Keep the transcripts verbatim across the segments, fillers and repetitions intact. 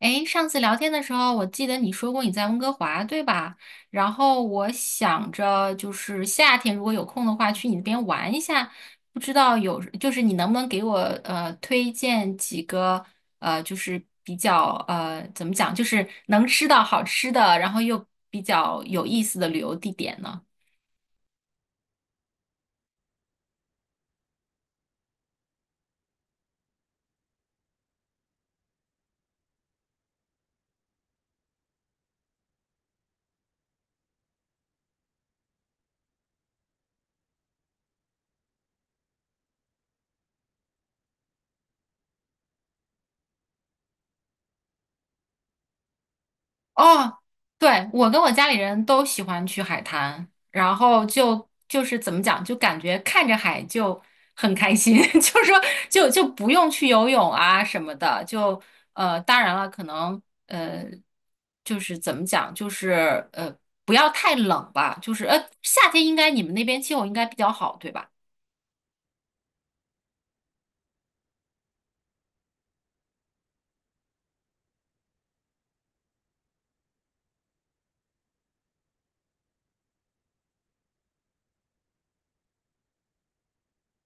诶，上次聊天的时候，我记得你说过你在温哥华，对吧？然后我想着就是夏天如果有空的话，去你那边玩一下。不知道有，就是你能不能给我呃推荐几个呃，就是比较呃怎么讲，就是能吃到好吃的，然后又比较有意思的旅游地点呢？哦，对，我跟我家里人都喜欢去海滩，然后就就是怎么讲，就感觉看着海就很开心，就是说就就不用去游泳啊什么的，就呃，当然了，可能呃，就是怎么讲，就是呃，不要太冷吧，就是呃，夏天应该你们那边气候应该比较好，对吧？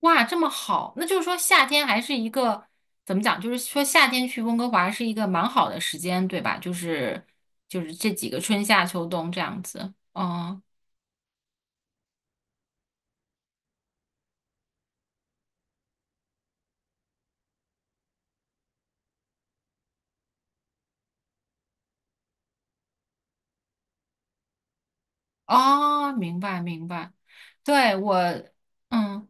哇，这么好，那就是说夏天还是一个怎么讲？就是说夏天去温哥华是一个蛮好的时间，对吧？就是就是这几个春夏秋冬这样子。嗯，哦，明白明白。对，我，嗯。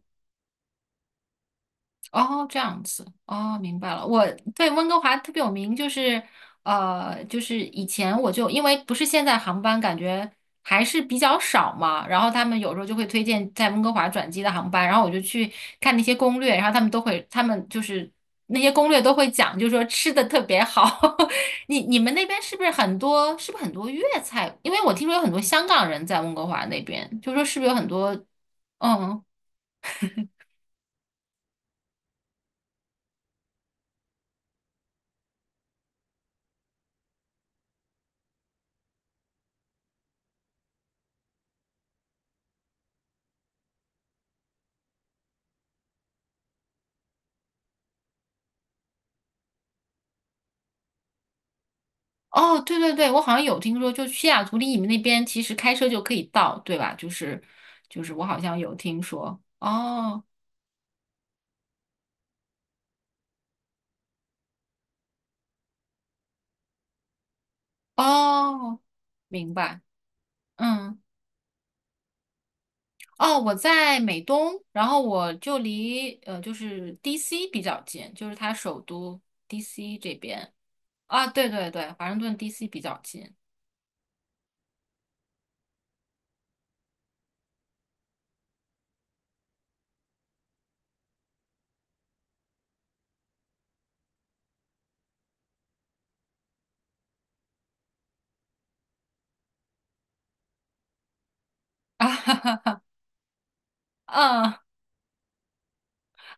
哦，这样子，哦，明白了。我对温哥华特别有名，就是呃，就是以前我就因为不是现在航班感觉还是比较少嘛，然后他们有时候就会推荐在温哥华转机的航班，然后我就去看那些攻略，然后他们都会，他们就是那些攻略都会讲，就是说吃的特别好。你你们那边是不是很多？是不是很多粤菜？因为我听说有很多香港人在温哥华那边，就说是不是有很多？嗯。哦，对对对，我好像有听说，就西雅图离你们那边其实开车就可以到，对吧？就是就是我好像有听说。哦哦，明白。嗯，哦，我在美东，然后我就离呃就是 D C 比较近，就是它首都 D C 这边。啊，对对对，华盛顿 D C 比较近。啊，哈哈，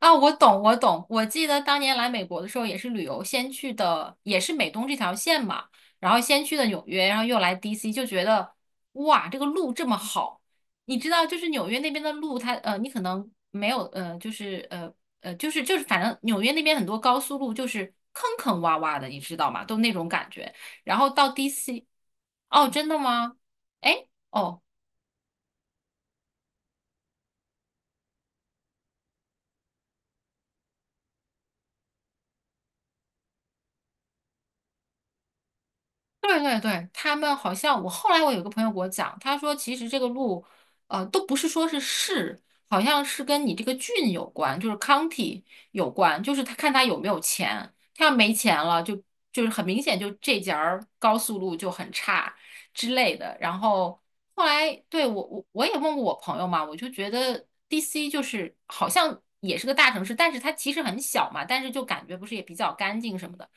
啊，我懂，我懂。我记得当年来美国的时候，也是旅游，先去的也是美东这条线嘛，然后先去的纽约，然后又来 D C，就觉得哇，这个路这么好。你知道，就是纽约那边的路它，呃，你可能没有，呃，就是呃呃，就是就是，反正纽约那边很多高速路就是坑坑洼洼的，你知道吗？都那种感觉。然后到 D C，哦，真的吗？哎。哦，对对对，他们好像我后来我有个朋友给我讲，他说其实这个路，呃，都不是说是市，好像是跟你这个郡有关，就是 county 有关，就是他看他有没有钱，他要没钱了，就就是很明显就这节儿高速路就很差之类的。然后后来，对，我我我也问过我朋友嘛，我就觉得 D C 就是好像也是个大城市，但是它其实很小嘛，但是就感觉不是也比较干净什么的。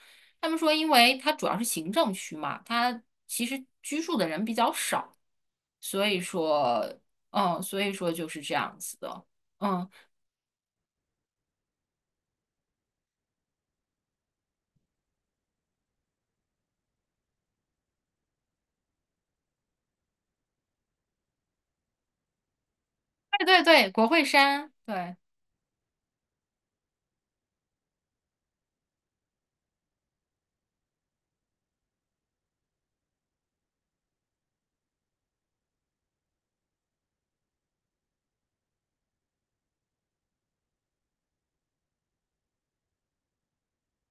他们说，因为它主要是行政区嘛，它其实居住的人比较少，所以说，嗯，所以说就是这样子的，嗯，对对对，国会山，对，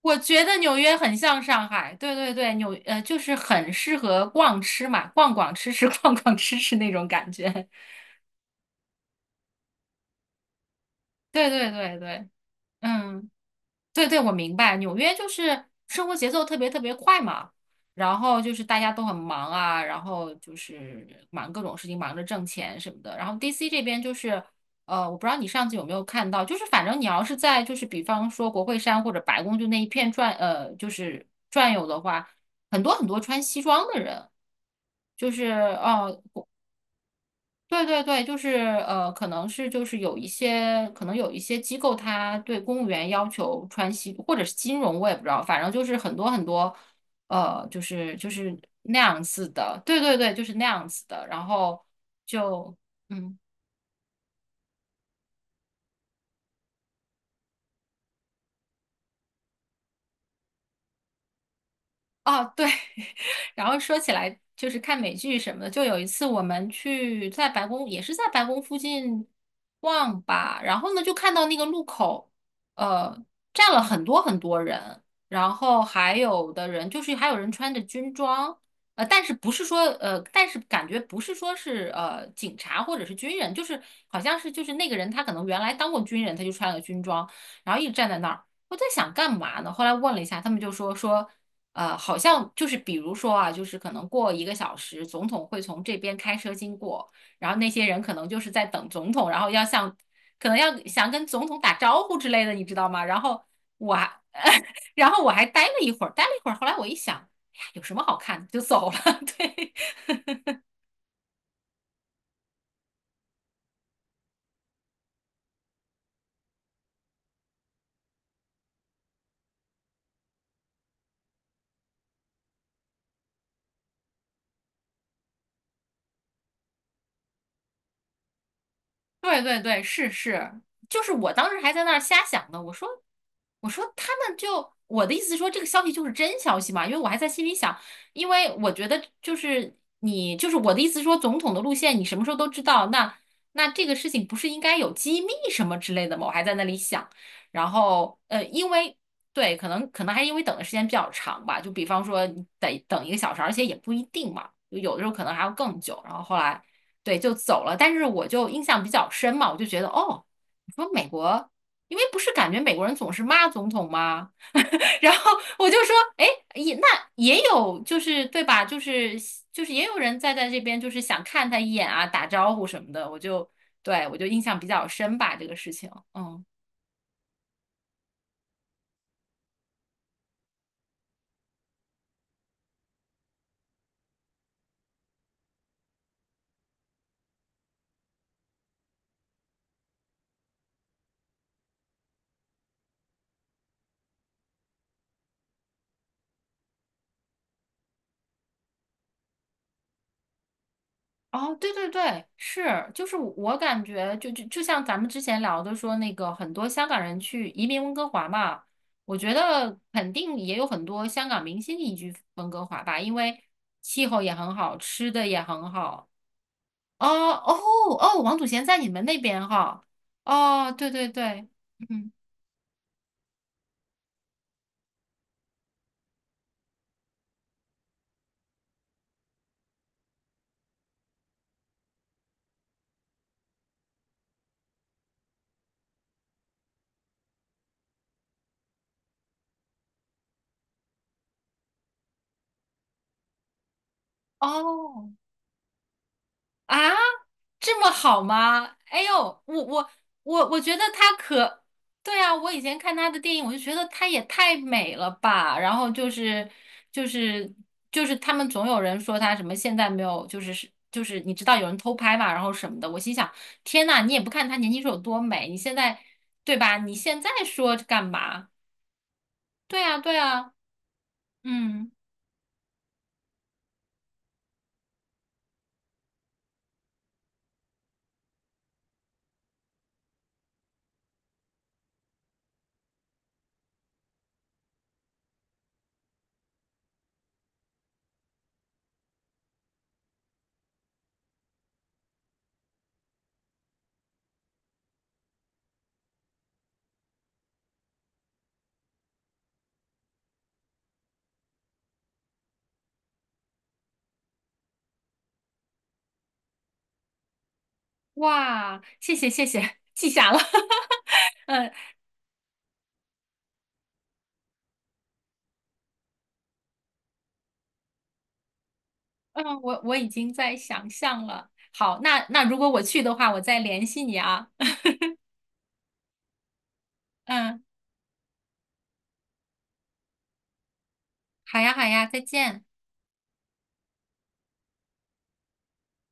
我觉得纽约很像上海，对对对，纽，呃，就是很适合逛吃嘛，逛逛吃吃，逛逛吃吃那种感觉，对对对对，嗯。对对，我明白，纽约就是生活节奏特别特别快嘛，然后就是大家都很忙啊，然后就是忙各种事情，忙着挣钱什么的。然后 D C 这边就是，呃，我不知道你上次有没有看到，就是反正你要是在就是比方说国会山或者白宫就那一片转，呃，就是转悠的话，很多很多穿西装的人。就是哦，呃对对对，就是呃，可能是就是有一些，可能有一些机构，它对公务员要求穿西，或者是金融，我也不知道，反正就是很多很多，呃，就是就是那样子的，对对对，就是那样子的，然后就嗯。哦对，然后说起来就是看美剧什么的，就有一次我们去在白宫，也是在白宫附近逛吧，然后呢就看到那个路口，呃，站了很多很多人，然后还有的人就是还有人穿着军装，呃，但是不是说呃，但是感觉不是说是呃警察或者是军人，就是好像是就是那个人他可能原来当过军人，他就穿了个军装，然后一直站在那儿。我在想干嘛呢？后来问了一下，他们就说说，呃，好像就是比如说啊，就是可能过一个小时，总统会从这边开车经过，然后那些人可能就是在等总统，然后要向，可能要想跟总统打招呼之类的，你知道吗？然后我还，然后我还待了一会儿，待了一会儿，后来我一想，哎呀，有什么好看的，就走了。对，对对对，是是，就是我当时还在那儿瞎想呢，我说我说他们就我的意思是说这个消息就是真消息嘛，因为我还在心里想，因为我觉得就是你就是我的意思是说总统的路线你什么时候都知道，那那这个事情不是应该有机密什么之类的吗？我还在那里想，然后呃，因为对，可能可能还因为等的时间比较长吧，就比方说你得等一个小时，而且也不一定嘛，就有的时候可能还要更久，然后后来。对，就走了。但是我就印象比较深嘛，我就觉得哦，你说美国，因为不是感觉美国人总是骂总统吗？然后我就说，哎，也那也有就是对吧？就是就是也有人在在这边就是想看他一眼啊，打招呼什么的。我就对我就印象比较深吧，这个事情，嗯。哦，对对对，是，就是我感觉就就就像咱们之前聊的说，那个很多香港人去移民温哥华嘛，我觉得肯定也有很多香港明星移居温哥华吧，因为气候也很好，吃的也很好。哦哦哦，王祖贤在你们那边哈。哦，对对对，嗯，哦。啊，这么好吗？哎呦，我我我我觉得她可，对啊，我以前看她的电影，我就觉得她也太美了吧。然后就是就是就是他们总有人说她什么现在没有，就是是就是你知道有人偷拍嘛，然后什么的。我心想，天呐，你也不看她年轻时候有多美，你现在对吧？你现在说干嘛？对啊，对啊，嗯，哇，谢谢谢谢，记下了。嗯，我我已经在想象了。好，那那如果我去的话，我再联系你啊。嗯，好呀好呀，再见。